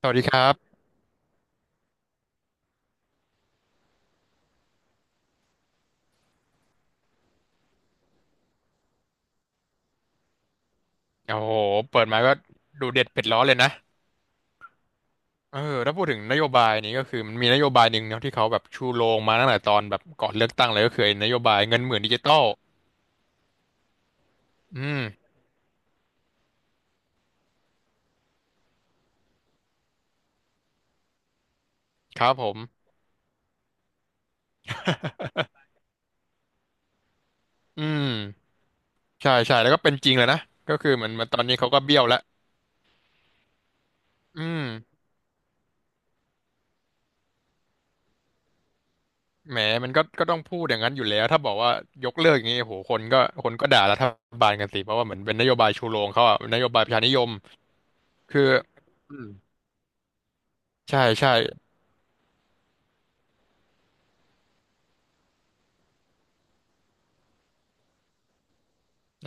สวัสดีครับโอ้โหเปิดมาก็ดูเด็ดเผ็ดร้อนเลยนะเออถ้าพูดถึงนโยบายนี้ก็คือมันมีนโยบายหนึ่งเนาะที่เขาแบบชูโรงมาตั้งแต่ตอนแบบก่อนเลือกตั้งเลยก็คือไอ้นโยบายเงินหมื่นดิจิตอลอืมครับผมอืมใช่ใช่แล้วก็เป็นจริงเลยนะก็คือเหมือนมันตอนนี้เขาก็เบี้ยวแล้วอืมแหมมันก็ต้องพูดอย่างนั้นอยู่แล้วถ้าบอกว่ายกเลิกอย่างนี้โอ้โหคนก็ด่ารัฐบาลกันสิเพราะว่าเหมือนเป็นนโยบายชูโรงเขาอะนโยบายประชานิยมคืออืมใช่ใช่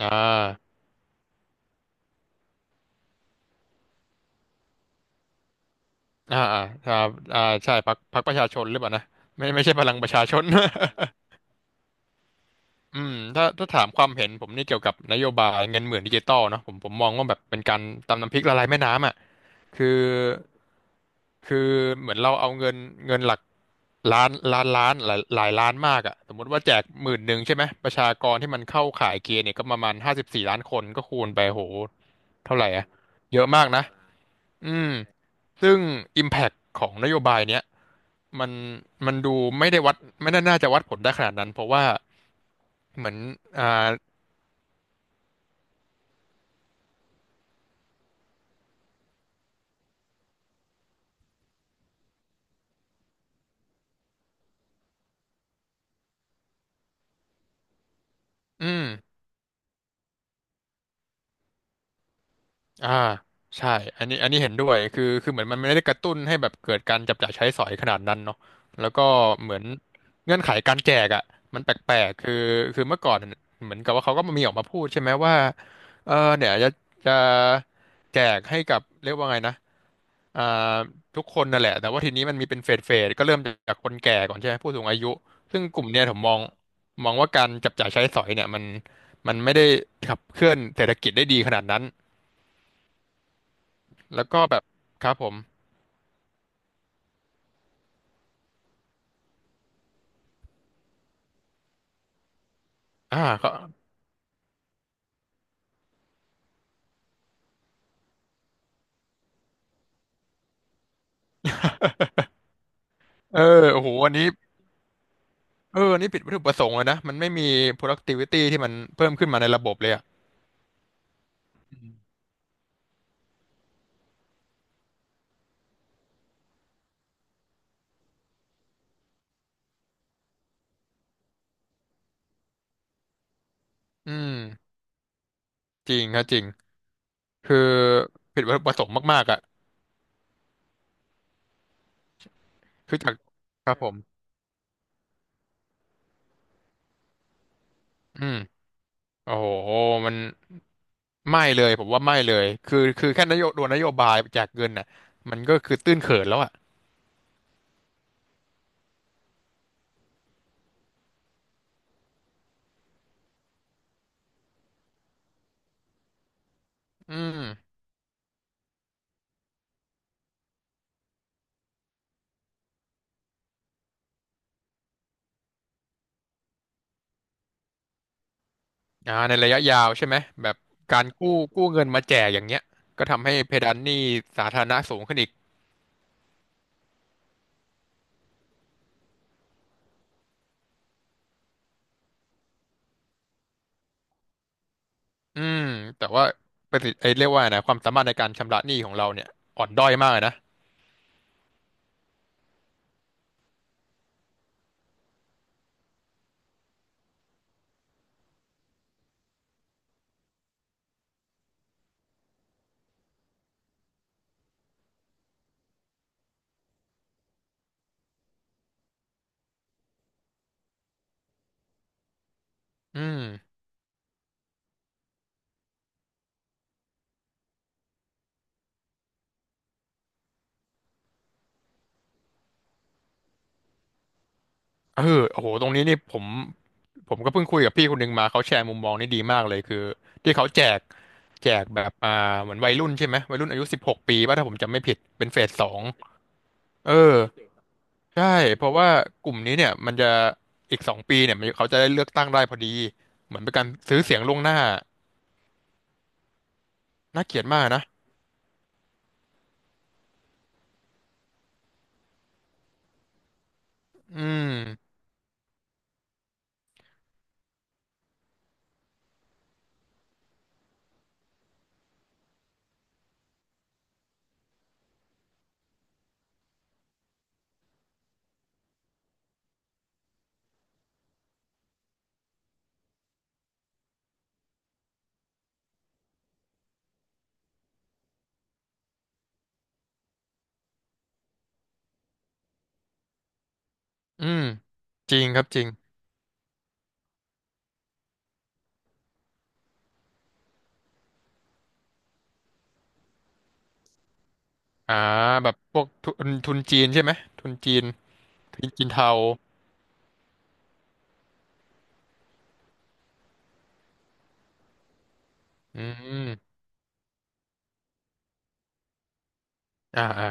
อ่า อ่าอ่าอ่าอ่าใช่พรรคประชาชนหรือเปล่านะไม่ใช่พลังประชาชน อืมถ้าถามความเห็นนี่เกี่ยวกับนโยบายเงินหมื่นดิจิตอลเนาะผมมองว่าแบบเป็นการตำน้ำพริกละลายแม่น้ำอ่ะคือคือเหมือนเราเอาเงินหลักล้านล้านล้านหลายหลายล้านมากอ่ะสมมติว่าแจกหมื่นหนึ่งใช่ไหมประชากรที่มันเข้าข่ายเกณฑ์เนี่ยก็ประมาณ54 ล้านคนก็คูณไปโหเท่าไหร่อ่ะเยอะมากนะอืม ซึ่ง Impact ของนโยบายเนี้ยมันดูไม่ได้วัดไม่น่าจะวัดผลได้ขนาดนั้นเพราะว่าเหมือนอ่าอืมอ่าใช่อันนี้เห็นด้วยคือเหมือนมันไม่ได้กระตุ้นให้แบบเกิดการจับจ่ายใช้สอยขนาดนั้นเนาะแล้วก็เหมือนเงื่อนไขการแจกอ่ะมันแปลกๆคือเมื่อก่อนเหมือนกับว่าเขาก็มีออกมาพูดใช่ไหมว่าเออเนี่ยจะจะแจกให้กับเรียกว่าไงนะ อ่าทุกคนนั่นแหละแต่ว่าทีนี้มันมีเป็นเฟสเฟสก็เริ่มจากคนแก่ก่อนใช่ไหมผู้สูงอายุซึ่งกลุ่มเนี่ยผมมองว่าการจับจ่ายใช้สอยเนี่ยมันไม่ได้ขับเคลื่อนเศรษฐกิจได้ดีขนาดนั้นแล้วก็แบบครับผมอ่าก็เออโอ้โหอันนี้เอออันนี้ผิดวัตถุประสงค์เลยนะมันไม่มี productivity ที่มันเพิ่มขึ้นมาในระบบเลยอ่ะอืมจริงครับจริงคือผิดวัตถุประสงค์มากๆอ่ะคือจากครับผมอืมโอ้โหมัน ไม่เลยผมว่าไม่เลยคือแค่นโยตัวนโยบายแจากเงินน่ะมันก็คือตื้นเขินแล้วอ่ะอืมอ่าในระยะยาวใช่ไหมแบบการกู้เงินมาแจกอย่างเงี้ยก็ทำให้เพดานหนี้สาธารณะสูงขึ้นอีกอืมแต่ว่าประสิทธิ์ไอ้เรียกว่าไงนะความสามารถในการชำระหนี้ของเราเนี่ยอ่อนด้อยมากเลยนะอืมเออโอ้โหตรงนี้นี่ผมก็เพิ่งคุยกับพี่คนหนึ่งมาเขาแชร์มุมมองนี่ดีมากเลยคือที่เขาแจกแบบอ่าเหมือนวัยรุ่นใช่ไหมวัยรุ่นอายุ16ปีป่ะถ้าผมจำไม่ผิดเป็นเฟสสอง เออใช่เพราะว่ากลุ่มนี้เนี่ยมันจะอีก2 ปีเนี่ยมันเขาจะได้เลือกตั้งได้พอดีเหมือนเป็นการซื้อเสียงล่วงหน้าน่าเกลียดมากนะอืมอืมจริงครับจริงอ่าแบบพวกทุนจีนใช่ไหมทุนจีนทุนจีนเทาอืมอ่าอ่า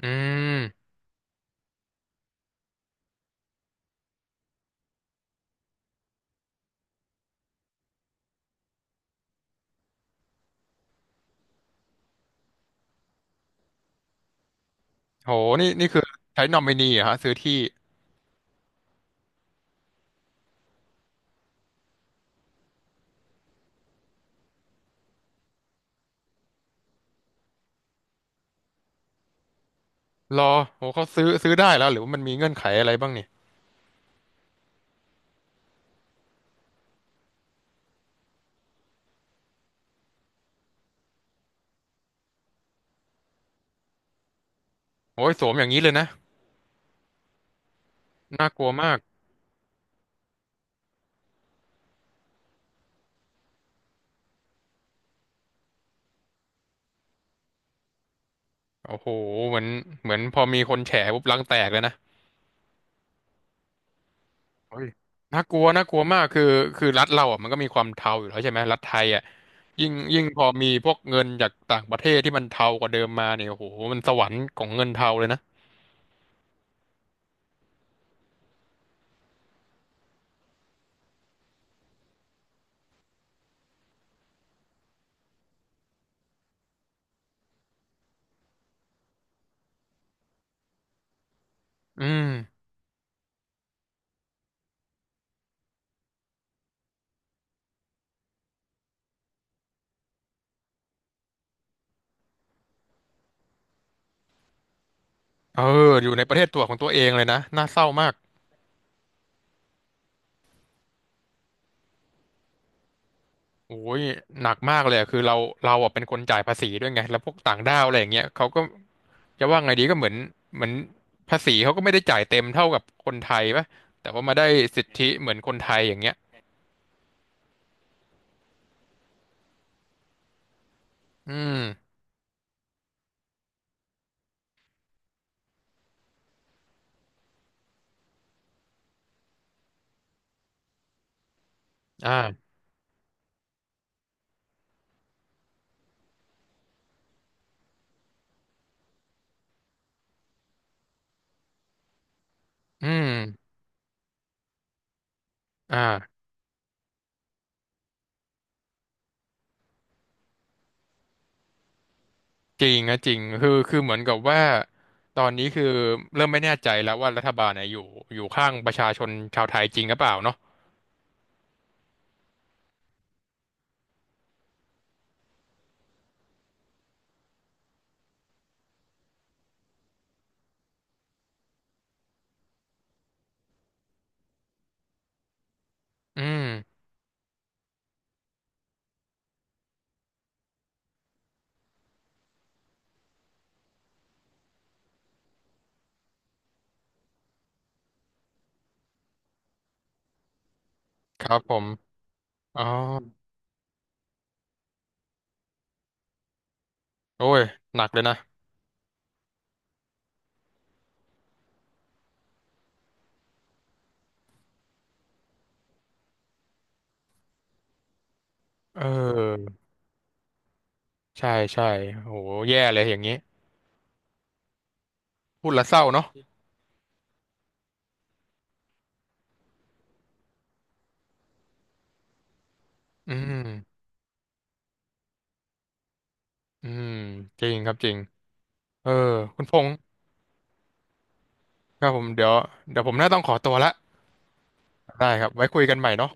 อืมโหนี่คือใช้นอมินีเหรอฮะซื้อที่รอโหเขาซื้อได้แล้วหรือว่ามันมีเงื่อนไขอะไรบ้างเนี่ยโอ้ยสวมอย่างนี้เลยนะน่ากลัวมากโอ้โหเหมือนพอมีคนแฉปุ๊บรังแตกเลยนะ เฮ้ยน่ากลัวน่ากลัวมากคือรัฐเราอ่ะมันก็มีความเทาอยู่แล้วใช่ไหมรัฐไทยอ่ะยิ่งยิ่งพอมีพวกเงินจากต่างประเทศที่มันเทากว่าเดิมมาเนี่ยโอ้โหมันสวรรค์ของเงินเทาเลยนะอืมเอออยู่ในประเทศตัวของตัวเองเลยนะน่าเศร้ามากโอ้ยหนักมากเลยอะคือเราอ่ะเป็นคนจ่ายภาษีด้วยไงแล้วพวกต่างด้าวอะไรอย่างเงี้ยเขาก็จะว่าไงดีก็เหมือนเหมือนภาษีเขาก็ไม่ได้จ่ายเต็มเท่ากับคนไทยปะแต่ว่ามาได้สิทธิเหมือนคนไทยอย่างเงี้ยอืมอ่าอืมอ่า จริงนะจริงคือเหมือนกับว่าตอนนี้คือเริ่มไม่แน่ใจแล้วว่ารัฐบาลเนี่ยอยู่ข้างประชาชนชาวไทยจริงหรือเปล่าเนาะอืมครับผมอ๋อโอ้ยหนักเลยนะเออใช่ใช่โหแย่เลยอย่างนี้พูดแล้วเศร้าเนาะอืมอืมจริงครับจริงเออคุณพงษ์ครับผมเดี๋ยวผมน่าต้องขอตัวละได้ครับไว้คุยกันใหม่เนาะ